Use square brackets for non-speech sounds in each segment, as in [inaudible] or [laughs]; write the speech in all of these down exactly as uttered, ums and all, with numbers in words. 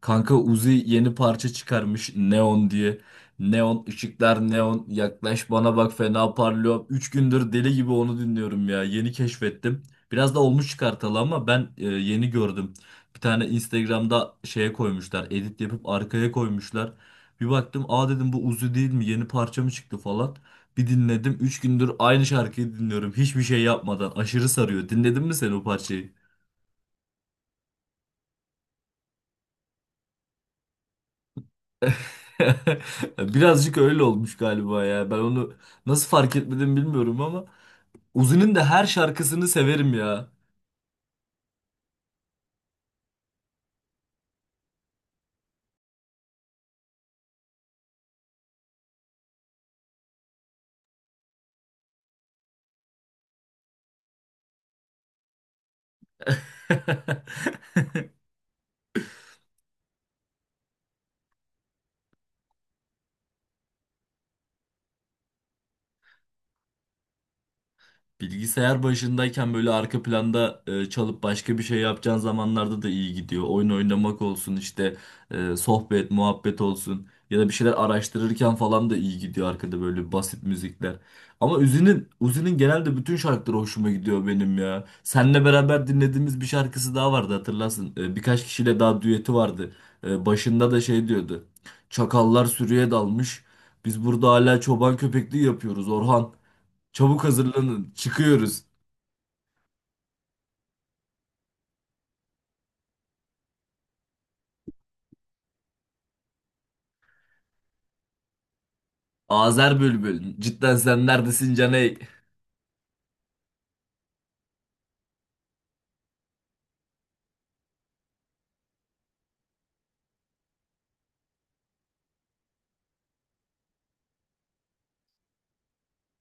Kanka Uzi yeni parça çıkarmış Neon diye. Neon ışıklar neon yaklaş bana bak fena parlıyor. üç gündür deli gibi onu dinliyorum ya. Yeni keşfettim. Biraz da olmuş çıkartalı ama ben e, yeni gördüm. Bir tane Instagram'da şeye koymuşlar. Edit yapıp arkaya koymuşlar. Bir baktım aa dedim bu Uzi değil mi? Yeni parça mı çıktı falan. Bir dinledim. üç gündür aynı şarkıyı dinliyorum. Hiçbir şey yapmadan. Aşırı sarıyor. Dinledin mi sen o parçayı? [laughs] Birazcık öyle olmuş galiba ya. Ben onu nasıl fark etmedim bilmiyorum ama Uzi'nin de her şarkısını severim ya. [laughs] Bilgisayar başındayken böyle arka planda e, çalıp başka bir şey yapacağın zamanlarda da iyi gidiyor. Oyun oynamak olsun işte e, sohbet, muhabbet olsun ya da bir şeyler araştırırken falan da iyi gidiyor arkada böyle basit müzikler. Ama Uzi'nin Uzi'nin genelde bütün şarkıları hoşuma gidiyor benim ya. Seninle beraber dinlediğimiz bir şarkısı daha vardı hatırlarsın. E, birkaç kişiyle daha düeti vardı. E, başında da şey diyordu. Çakallar sürüye dalmış. Biz burada hala çoban köpekliği yapıyoruz Orhan. Çabuk hazırlanın. Çıkıyoruz. Azer Bülbül. Cidden sen neredesin Caney?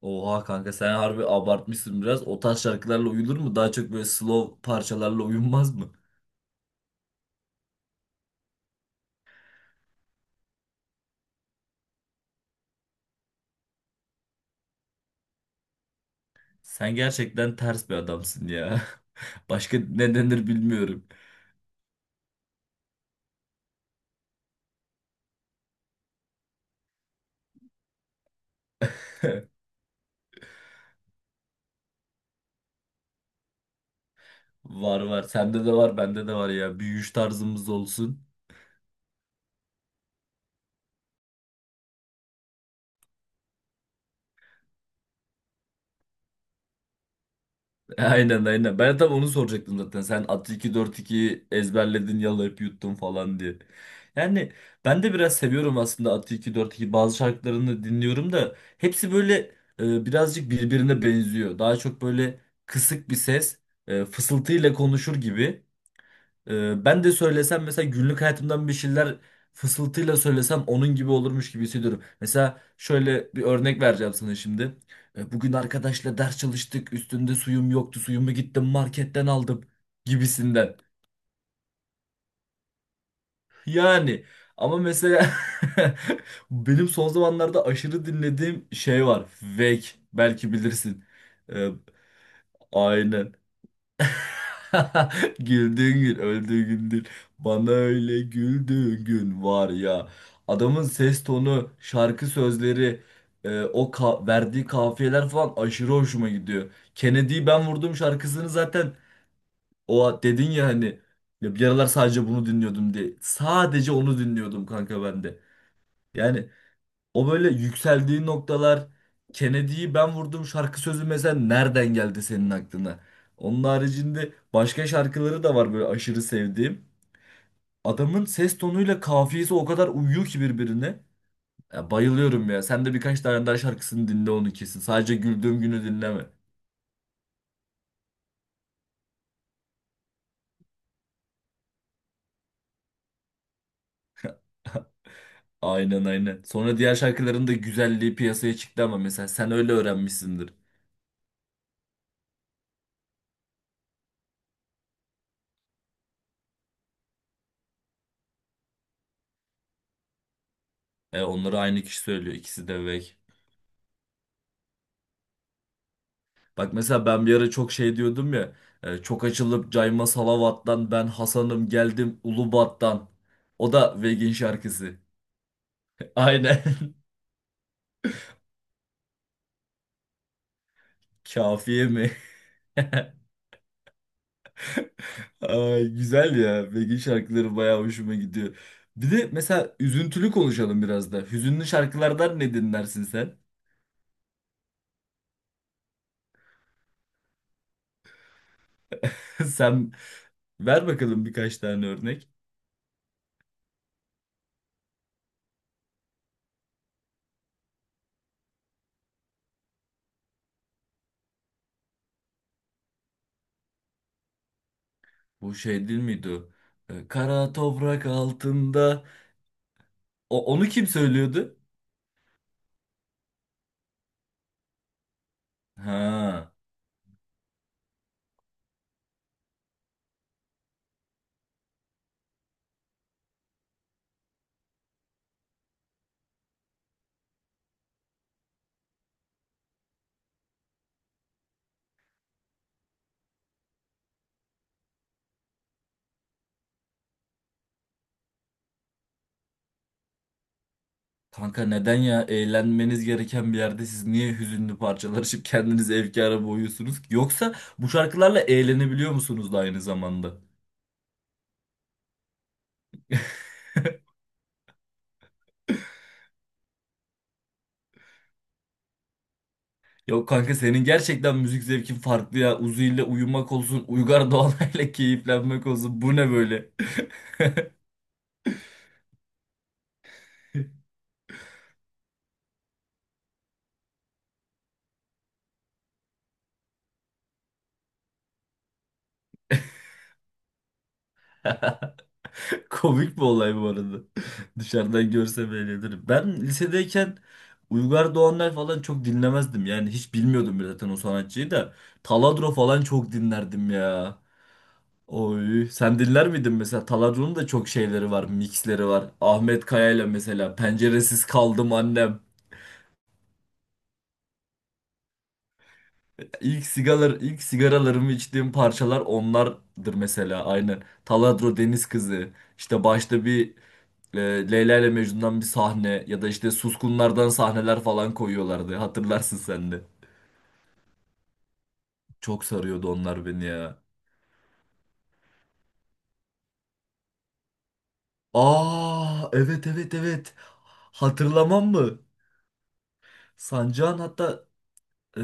Oha kanka sen harbi abartmışsın biraz. O tarz şarkılarla uyulur mu? Daha çok böyle slow parçalarla uyunmaz mı? Sen gerçekten ters bir adamsın ya. [laughs] Başka ne denir bilmiyorum. Var var. Sende de var, bende de var ya. Büyüyüş tarzımız olsun. Aynen aynen. Ben tam onu soracaktım zaten. Sen atı iki dört iki ezberledin, yalayıp yuttun falan diye. Yani ben de biraz seviyorum aslında atı iki dört iki bazı şarkılarını dinliyorum da hepsi böyle e, birazcık birbirine benziyor. Daha çok böyle kısık bir ses, e, fısıltıyla konuşur gibi. Ee, ben de söylesem mesela günlük hayatımdan bir şeyler fısıltıyla söylesem onun gibi olurmuş gibi hissediyorum. Mesela şöyle bir örnek vereceğim sana şimdi. Ee, bugün arkadaşla ders çalıştık. Üstünde suyum yoktu. Suyumu gittim marketten aldım gibisinden. Yani ama mesela [laughs] benim son zamanlarda aşırı dinlediğim şey var. Vek belki bilirsin. Ee, aynen. [laughs] Güldüğün gün öldüğün gündür. Bana öyle güldüğün gün var ya. Adamın ses tonu, şarkı sözleri, e, o ka- verdiği kafiyeler falan aşırı hoşuma gidiyor. Kennedy'yi ben vurdum şarkısını zaten o dedin ya hani ya bir aralar sadece bunu dinliyordum diye. Sadece onu dinliyordum kanka ben de. Yani o böyle yükseldiği noktalar Kennedy'yi ben vurdum şarkı sözü mesela nereden geldi senin aklına? Onun haricinde başka şarkıları da var böyle aşırı sevdiğim. Adamın ses tonuyla kafiyesi o kadar uyuyor ki birbirine. Ya bayılıyorum ya. Sen de birkaç tane daha şarkısını dinle onu kesin. Sadece güldüğüm günü dinleme. Aynen aynen. Sonra diğer şarkıların da güzelliği piyasaya çıktı ama mesela sen öyle öğrenmişsindir. E, onları aynı kişi söylüyor. İkisi de Veg. Bak mesela ben bir ara çok şey diyordum ya. e, Çok açılıp Cayma Salavat'tan ben Hasan'ım geldim Ulubat'tan. O da Vegin şarkısı. [laughs] Aynen. [laughs] Kafiye mi? [laughs] Ay, güzel ya. Vegin şarkıları bayağı hoşuma gidiyor. Bir de mesela üzüntülü konuşalım biraz da. Hüzünlü şarkılardan ne dinlersin sen? [laughs] Sen ver bakalım birkaç tane örnek. Bu şey değil miydi o? E, Kara toprak altında. O, onu kim söylüyordu? Ha. Kanka neden ya eğlenmeniz gereken bir yerde siz niye hüzünlü parçalar açıp kendinizi efkara boğuyorsunuz ki? Yoksa bu şarkılarla eğlenebiliyor musunuz da aynı zamanda? Yok kanka senin gerçekten müzik zevkin farklı ya. Uzi ile uyumak olsun, Uygar Doğanay'la [laughs] keyiflenmek olsun. Bu ne böyle? [laughs] Komik bir olay bu arada. [laughs] Dışarıdan görsem eğlenirim. Ben lisedeyken Uygar Doğanlar falan çok dinlemezdim. Yani hiç bilmiyordum bile zaten o sanatçıyı da. Taladro falan çok dinlerdim ya. Oy, sen dinler miydin mesela? Taladron'un da çok şeyleri var, mixleri var. Ahmet Kaya'yla mesela Penceresiz Kaldım Annem. İlk sigalar, ilk sigaralarımı içtiğim parçalar onlardır mesela aynen. Taladro Deniz Kızı. İşte başta bir e, Leyla ile Mecnun'dan bir sahne ya da işte Suskunlardan sahneler falan koyuyorlardı. Hatırlarsın sen de. Çok sarıyordu onlar beni ya. Aa, evet evet evet. Hatırlamam mı? Sancağın hatta Ee,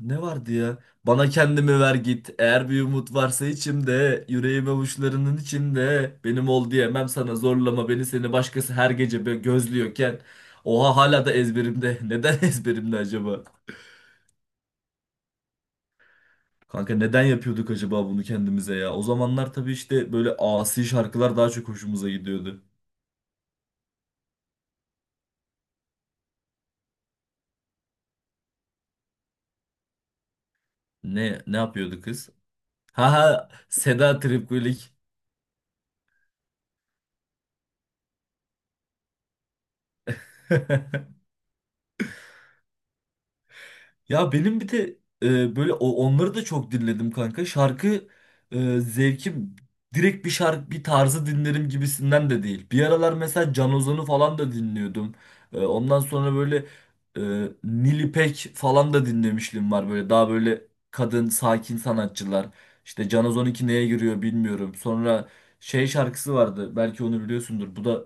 ne vardı ya? Bana kendimi ver git. Eğer bir umut varsa içimde, yüreğim avuçlarının içinde. Benim ol diyemem sana zorlama beni seni başkası her gece be- gözlüyorken. Oha hala da ezberimde. [laughs] Neden ezberimde acaba? Kanka neden yapıyorduk acaba bunu kendimize ya? O zamanlar tabii işte böyle asi şarkılar daha çok hoşumuza gidiyordu. Ne ne yapıyordu kız? Ha ha Seda Tripkulik. [laughs] Ya benim bir de e, böyle o- onları da çok dinledim kanka. Şarkı e, zevkim direkt bir şarkı bir tarzı dinlerim gibisinden de değil. Bir aralar mesela Can Ozan'ı falan da dinliyordum. E, ondan sonra böyle e, Nil İpek falan da dinlemişliğim var. Böyle daha böyle kadın sakin sanatçılar. İşte Can Ozan neye giriyor bilmiyorum. Sonra şey şarkısı vardı. Belki onu biliyorsundur. Bu da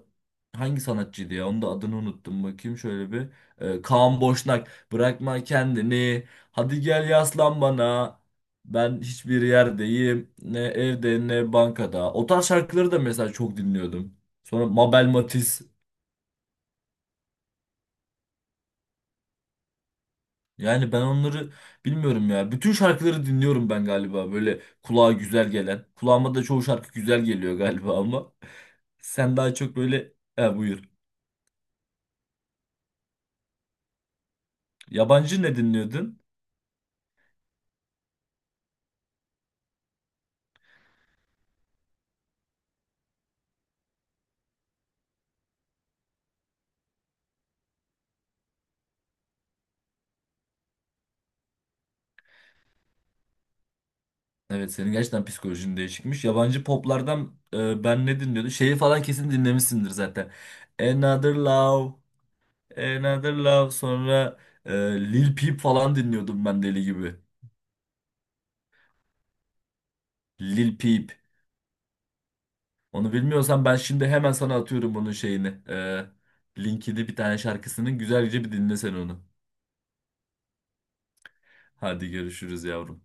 hangi sanatçıydı ya? Onun da adını unuttum. Bakayım şöyle bir. E, Kaan Boşnak. Bırakma kendini. Hadi gel yaslan bana. Ben hiçbir yerdeyim. Ne evde ne bankada. O tarz şarkıları da mesela çok dinliyordum. Sonra Mabel Matiz. Yani ben onları bilmiyorum ya. Bütün şarkıları dinliyorum ben galiba. Böyle kulağa güzel gelen. Kulağıma da çoğu şarkı güzel geliyor galiba ama. [laughs] Sen daha çok böyle... E, buyur. Yabancı ne dinliyordun? Evet senin gerçekten psikolojin değişikmiş. Yabancı poplardan e, ben ne dinliyordum? Şeyi falan kesin dinlemişsindir zaten. Another Love, Another Love sonra e, Lil Peep falan dinliyordum ben deli gibi. Lil Peep. Onu bilmiyorsan ben şimdi hemen sana atıyorum bunun şeyini. E, linkini bir tane şarkısının güzelce bir dinle sen onu. Hadi görüşürüz yavrum.